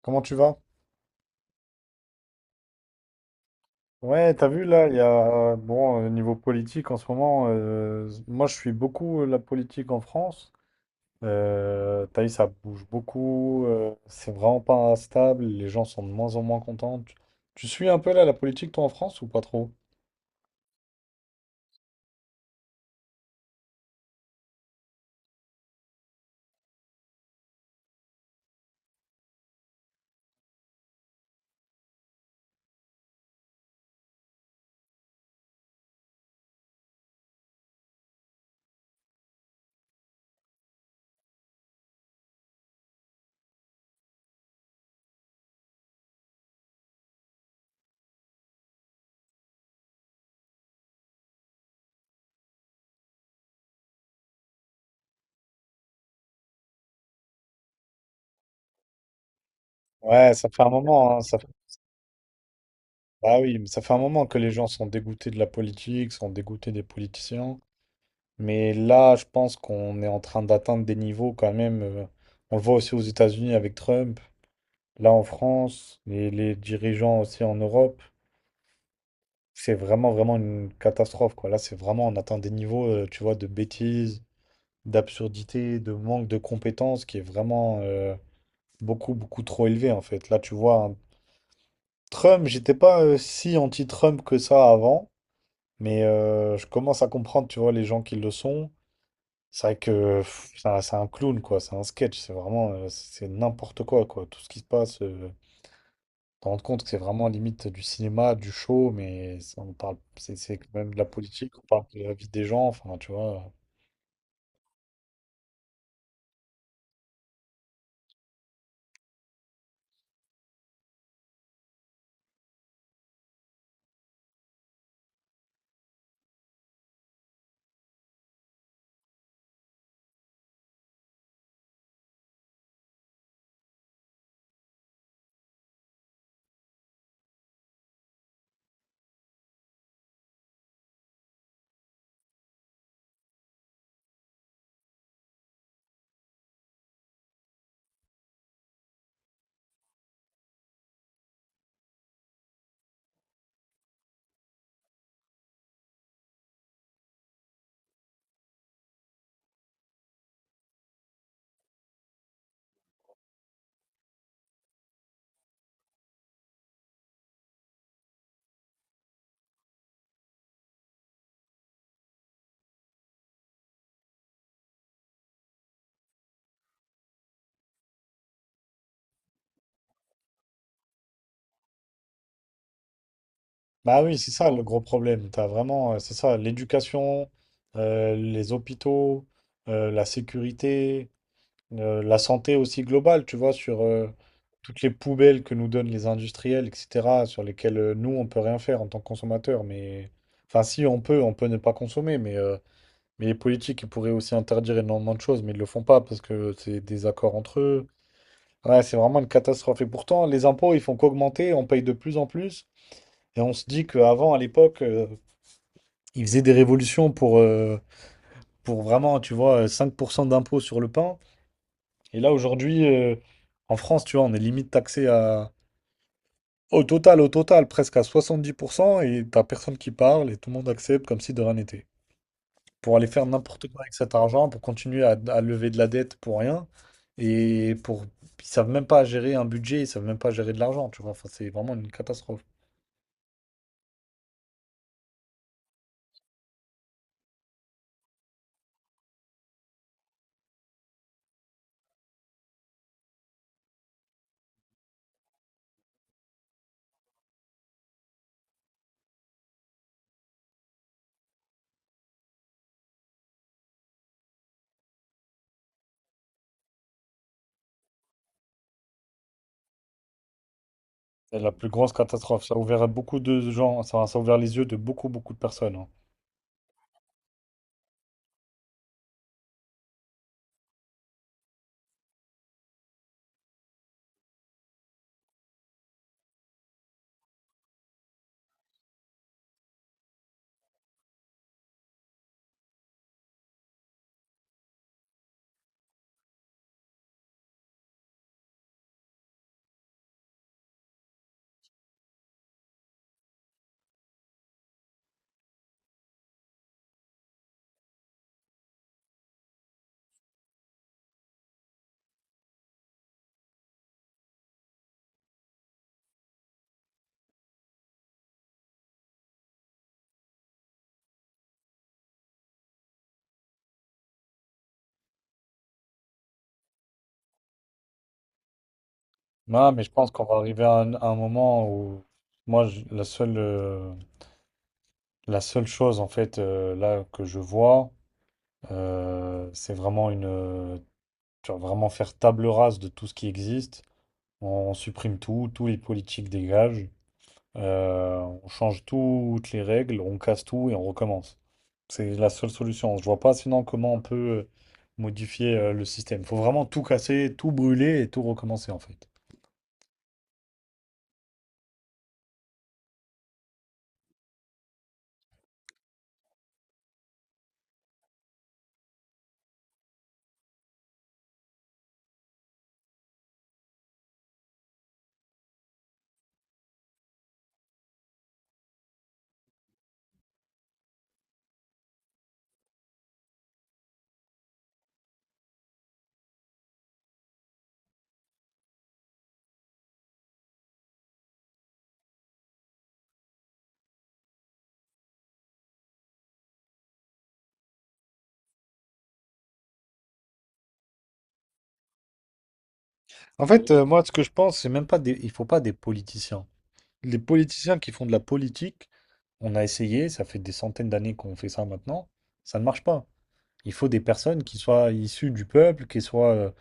Comment tu vas? Ouais, t'as vu là, il y a bon niveau politique en ce moment. Moi, je suis beaucoup la politique en France. T'as vu, ça bouge beaucoup. C'est vraiment pas stable. Les gens sont de moins en moins contents. Tu suis un peu là la politique toi en France ou pas trop? Ouais, ça fait un moment, hein, ah oui, mais ça fait un moment que les gens sont dégoûtés de la politique, sont dégoûtés des politiciens. Mais là, je pense qu'on est en train d'atteindre des niveaux quand même. On le voit aussi aux États-Unis avec Trump. Là en France, et les dirigeants aussi en Europe, c'est vraiment, vraiment une catastrophe, quoi. Là, c'est vraiment, on atteint des niveaux, tu vois, de bêtises, d'absurdité, de manque de compétences qui est vraiment beaucoup, beaucoup trop élevé, en fait. Là, tu vois, Trump, j'étais pas si anti-Trump que ça avant, mais je commence à comprendre, tu vois, les gens qui le sont. C'est vrai que pff, c'est un clown, quoi. C'est un sketch. C'est vraiment, c'est n'importe quoi, quoi. Tout ce qui se passe. Te rendre compte que c'est vraiment limite du cinéma, du show, mais ça, on parle, c'est quand même de la politique, on parle de la vie des gens, enfin, tu vois. Bah oui, c'est ça le gros problème. T'as vraiment, c'est ça, l'éducation, les hôpitaux, la sécurité, la santé aussi globale, tu vois, sur toutes les poubelles que nous donnent les industriels, etc., sur lesquelles nous, on peut rien faire en tant que consommateurs. Mais enfin, si on peut, on peut ne pas consommer, mais mais les politiques, ils pourraient aussi interdire énormément de choses, mais ils le font pas parce que c'est des accords entre eux. Ouais, c'est vraiment une catastrophe. Et pourtant, les impôts, ils font qu'augmenter, on paye de plus en plus. Et on se dit qu'avant, à l'époque, ils faisaient des révolutions pour vraiment, tu vois, 5% d'impôts sur le pain. Et là, aujourd'hui, en France, tu vois, on est limite taxé à... au total, presque à 70%, et t'as personne qui parle, et tout le monde accepte comme si de rien n'était. Pour aller faire n'importe quoi avec cet argent, pour continuer à lever de la dette pour rien. Et pour, ils savent même pas gérer un budget, ils savent même pas gérer de l'argent, tu vois. Enfin, c'est vraiment une catastrophe. C'est la plus grosse catastrophe. Ça a ouvert à beaucoup de gens, ça a ouvert les yeux de beaucoup, beaucoup de personnes, hein. Non, mais je pense qu'on va arriver à un moment où, moi, je- la seule, euh, la seule chose, en fait, là, que je vois, c'est vraiment une, tu vois, vraiment faire table rase de tout ce qui existe. On supprime tout, tous les politiques dégagent, on change toutes les règles, on casse tout et on recommence. C'est la seule solution. Je vois pas sinon comment on peut modifier le système. Faut vraiment tout casser, tout brûler et tout recommencer en fait. En fait, moi, ce que je pense, c'est même pas des... il faut pas des politiciens. Les politiciens qui font de la politique, on a essayé, ça fait des centaines d'années qu'on fait ça maintenant, ça ne marche pas. Il faut des personnes qui soient issues du peuple, qui soient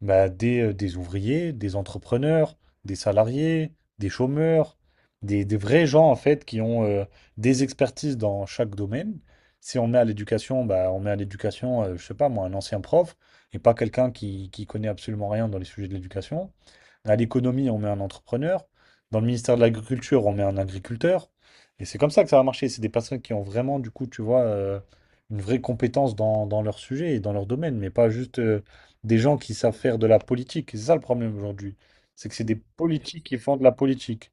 bah, des ouvriers, des entrepreneurs, des salariés, des chômeurs, des vrais gens en fait qui ont des expertises dans chaque domaine. Si on met à l'éducation, bah, on met à l'éducation, je sais pas moi, un ancien prof et pas quelqu'un qui connaît absolument rien dans les sujets de l'éducation. À l'économie, on met un entrepreneur. Dans le ministère de l'Agriculture, on met un agriculteur. Et c'est comme ça que ça va marcher. C'est des personnes qui ont vraiment, du coup, tu vois, une vraie compétence dans leur sujet et dans leur domaine, mais pas juste des gens qui savent faire de la politique. C'est ça le problème aujourd'hui. C'est que c'est des politiques qui font de la politique.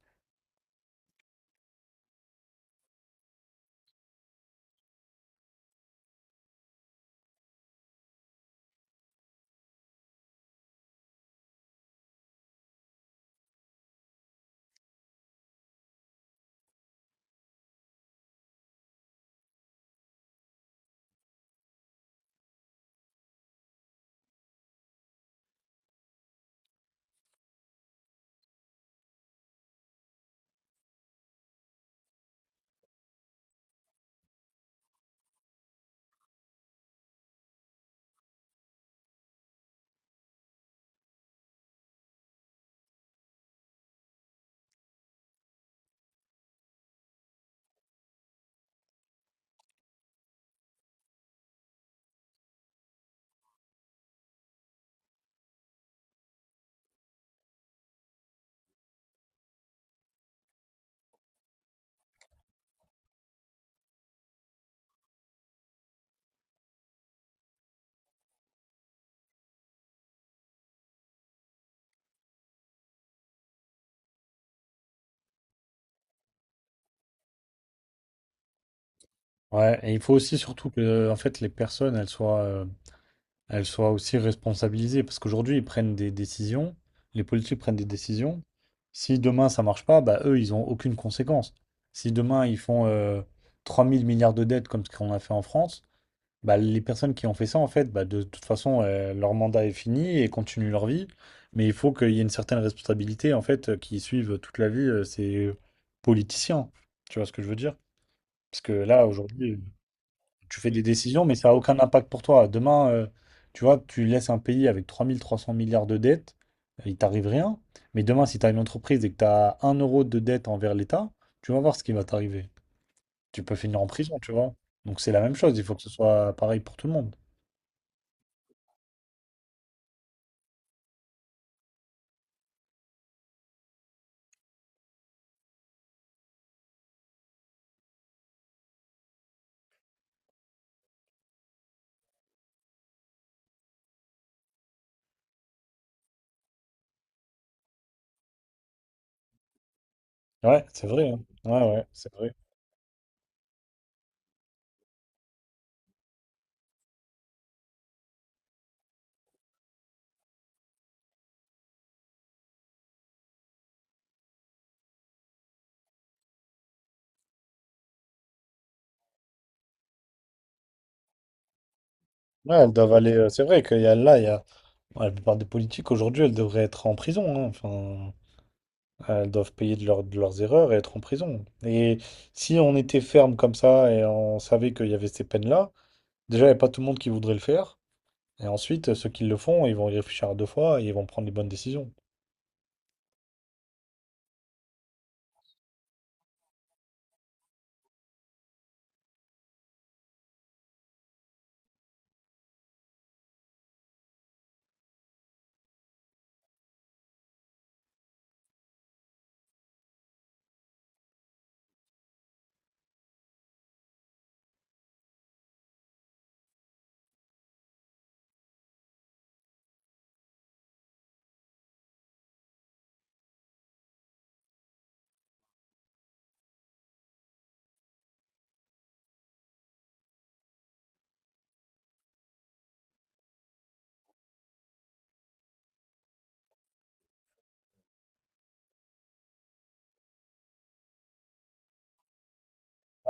Ouais, et il faut aussi surtout que en fait les personnes elles soient aussi responsabilisées parce qu'aujourd'hui ils prennent des décisions, les politiques prennent des décisions. Si demain ça marche pas, bah eux ils ont aucune conséquence. Si demain ils font 3 000 milliards de dettes comme ce qu'on a fait en France, bah, les personnes qui ont fait ça, en fait, bah, de toute façon, leur mandat est fini et continuent leur vie. Mais il faut qu'il y ait une certaine responsabilité, en fait, qui suivent toute la vie ces politiciens. Tu vois ce que je veux dire? Parce que là, aujourd'hui, tu fais des décisions, mais ça n'a aucun impact pour toi. Demain, tu vois, tu laisses un pays avec 3300 milliards de dettes, il t'arrive rien. Mais demain, si tu as une entreprise et que tu as un euro de dette envers l'État, tu vas voir ce qui va t'arriver. Tu peux finir en prison, tu vois. Donc c'est la même chose, il faut que ce soit pareil pour tout le monde. Ouais, c'est vrai, hein. Ouais, ouais, c'est vrai. Ouais, elles doivent aller. C'est vrai qu'il y a là, il y a. Ouais, la plupart des politiques aujourd'hui, elles devraient être en prison, hein. Enfin, elles doivent payer de leurs erreurs et être en prison. Et si on était ferme comme ça et on savait qu'il y avait ces peines-là, déjà, il n'y a pas tout le monde qui voudrait le faire. Et ensuite, ceux qui le font, ils vont y réfléchir à 2 fois et ils vont prendre les bonnes décisions.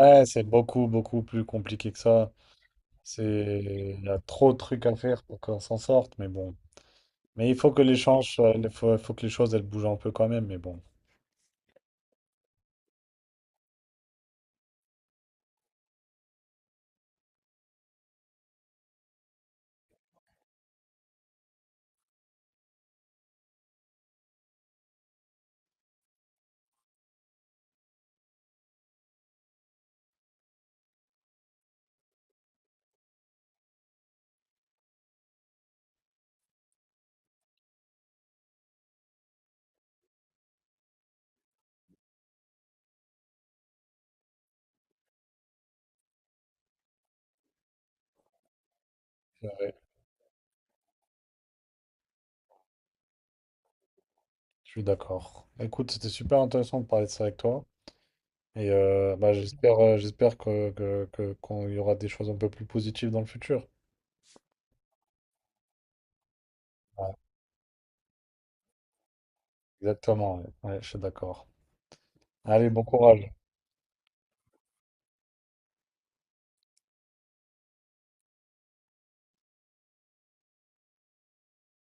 Ouais, c'est beaucoup, beaucoup plus compliqué que ça. C'est... il y a trop de trucs à faire pour qu'on s'en sorte, mais bon. Mais il faut que les changes, il faut que les choses elles bougent un peu quand même, mais bon, c'est vrai, je suis d'accord. Écoute, c'était super intéressant de parler de ça avec toi. Et bah, j'espère j'espère qu'on y aura des choses un peu plus positives dans le futur. Ouais, exactement, ouais. Ouais, je suis d'accord. Allez, bon courage.